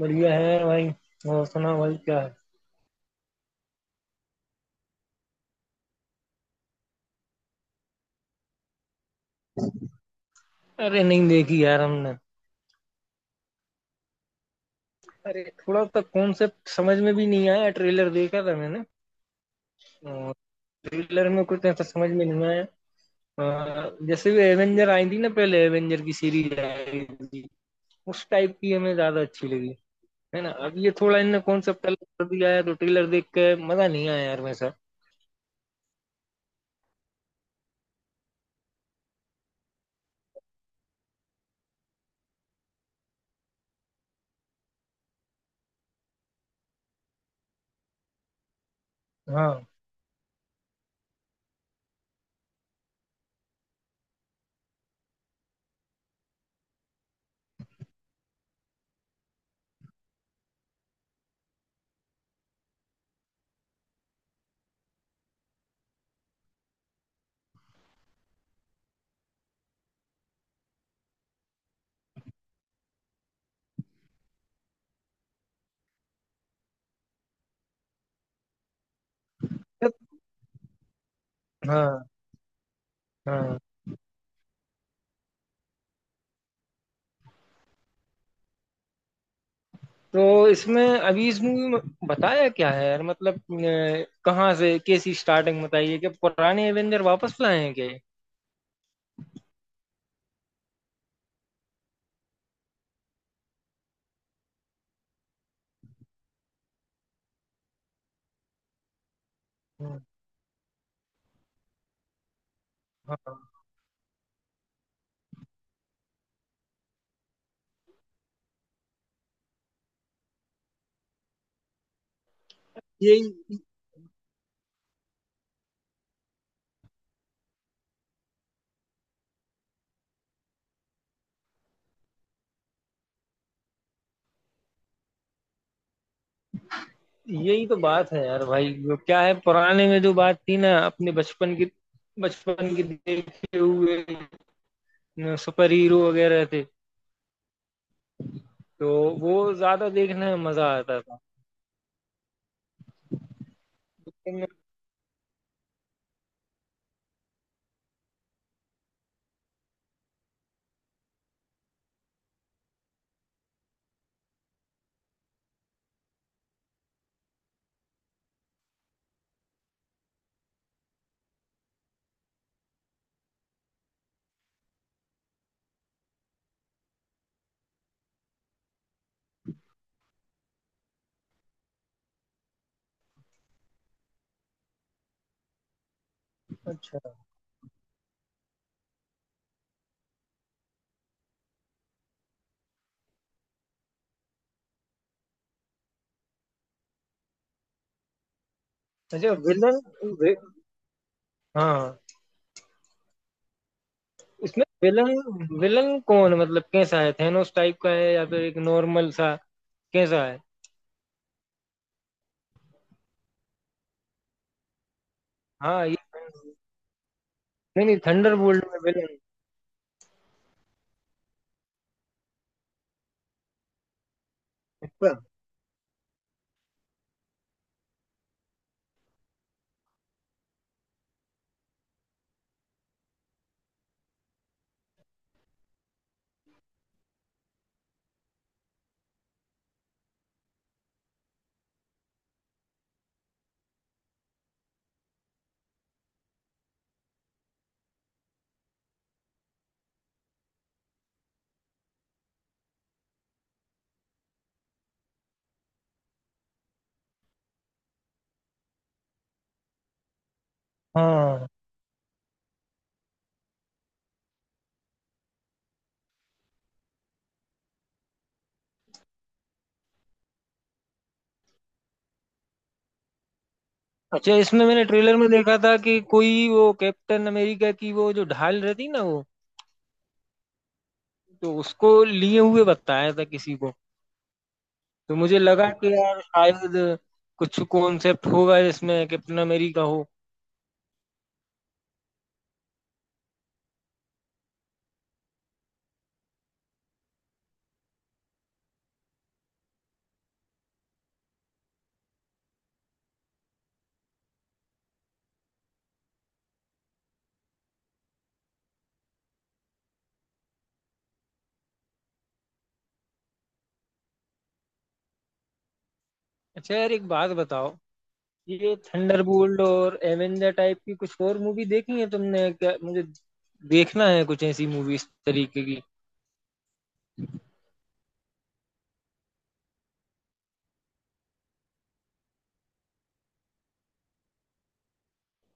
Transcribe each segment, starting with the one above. बढ़िया है भाई। और सुना भाई क्या है? अरे नहीं देखी यार हमने। अरे थोड़ा सा कॉन्सेप्ट समझ में भी नहीं आया, ट्रेलर देखा था मैंने। ट्रेलर में कुछ ऐसा समझ में नहीं आया। जैसे भी एवेंजर आई थी ना, पहले एवेंजर की सीरीज आई थी, उस टाइप की हमें ज्यादा अच्छी लगी। है ना, अब ये थोड़ा इनने कॉन्सेप्ट अलग कर दिया है तो ट्रेलर देख के मजा नहीं आया यार वैसा। हाँ हाँ। हाँ, तो इसमें अभी इस मूवी में बताया क्या है यार? मतलब कहाँ से कैसी स्टार्टिंग? बताइए कि पुराने एवेंजर वापस लाए हैं क्या ये? हम्म। हाँ, यही यही तो बात है यार भाई, वो क्या है पुराने में जो बात थी ना, अपने बचपन की, बचपन की देखे हुए सुपर हीरो वगैरह थे, तो वो ज्यादा देखने में मजा आता था। अच्छा, अच्छा। विलन, वे, हाँ, इसमें विलन विलन कौन? मतलब कैसा है, थेनोस टाइप का है या फिर एक नॉर्मल सा, कैसा है? हाँ ये। नहीं नहीं, थंडरबोल्ट में विलन। अच्छा। हाँ, अच्छा, इसमें मैंने ट्रेलर में देखा था कि कोई वो कैप्टन अमेरिका की वो जो ढाल रहती ना, वो, तो उसको लिए हुए बताया था किसी को। तो मुझे लगा कि यार शायद कुछ कॉन्सेप्ट होगा इसमें, कैप्टन अमेरिका हो। अच्छा यार, एक बात बताओ, ये थंडरबोल्ट और एवेंजर टाइप की कुछ और मूवी देखी है तुमने क्या? मुझे देखना है कुछ ऐसी मूवी इस तरीके की।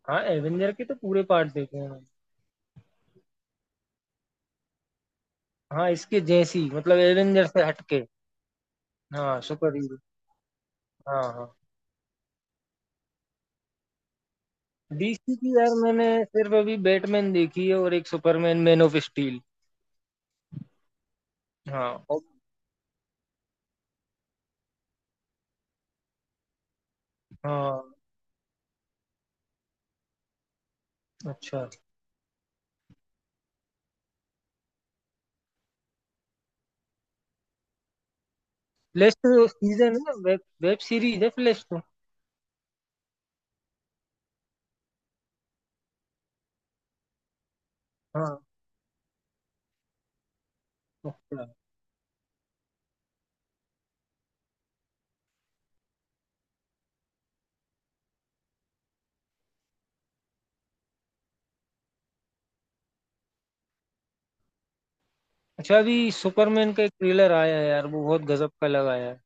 हाँ, एवेंजर के तो पूरे पार्ट देखे हैं मैंने। हाँ, इसके जैसी मतलब, एवेंजर से हटके। हाँ, सुपर हीरो। हाँ हाँ। डीसी की यार मैंने सिर्फ अभी बैटमैन देखी है और एक सुपरमैन, मैन ऑफ स्टील। हाँ, और- हाँ। अच्छा। फ्लैश तो सीजन है, वेब वेब सीरीज है फ्लैश तो। हाँ। अच्छा। अच्छा, अभी सुपरमैन का एक ट्रेलर आया है यार, वो बहुत गजब का लगाया है।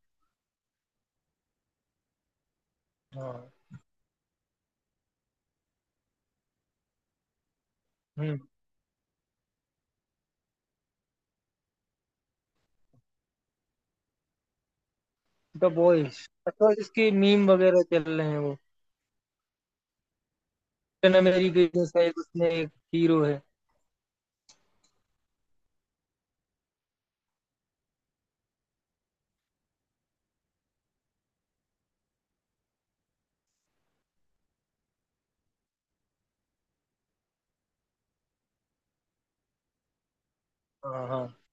हाँ। हुँ, द बॉयज। अच्छा, इसके मीम वगैरह चल रहे हैं वो? कैप्टन अमेरिका जो शायद उसमें एक हीरो है। हाँ हाँ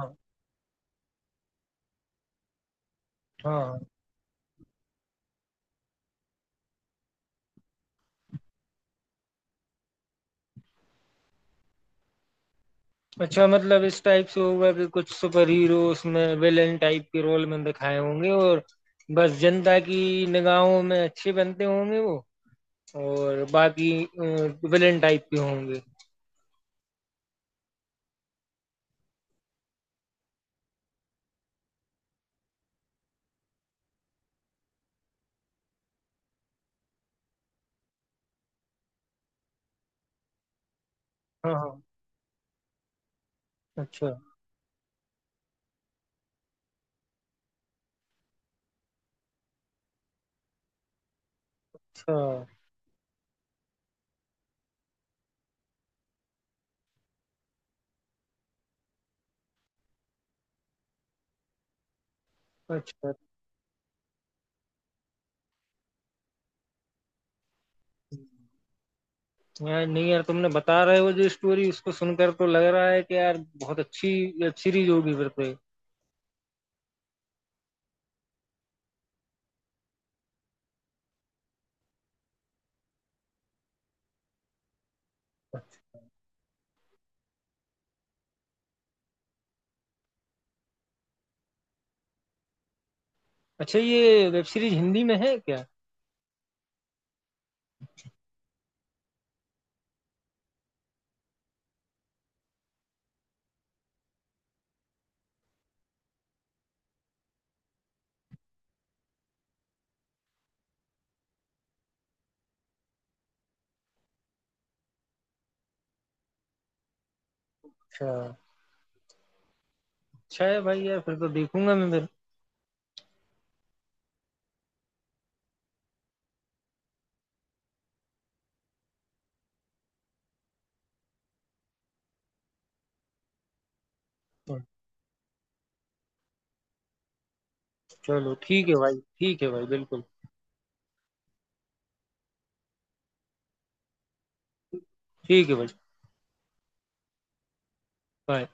हाँ। हाँ हाँ। अच्छा, मतलब इस टाइप से होगा कि कुछ सुपर हीरो उसमें विलेन टाइप के रोल में दिखाए होंगे, और बस जनता की निगाहों में अच्छे बनते होंगे वो, और बाकी विलेन टाइप के होंगे। हाँ हाँ। अच्छा। अच्छा। अच्छा यार, नहीं यार, तुमने बता रहे हो जो स्टोरी उसको सुनकर तो लग रहा है कि यार बहुत अच्छी वेब सीरीज होगी फिर तो ये। अच्छा, ये वेब सीरीज हिंदी में है क्या? अच्छा, अच्छा है भाई, यार फिर तो देखूंगा मैं फिर। चलो ठीक है भाई, ठीक है भाई, बिल्कुल ठीक है भाई। बाय।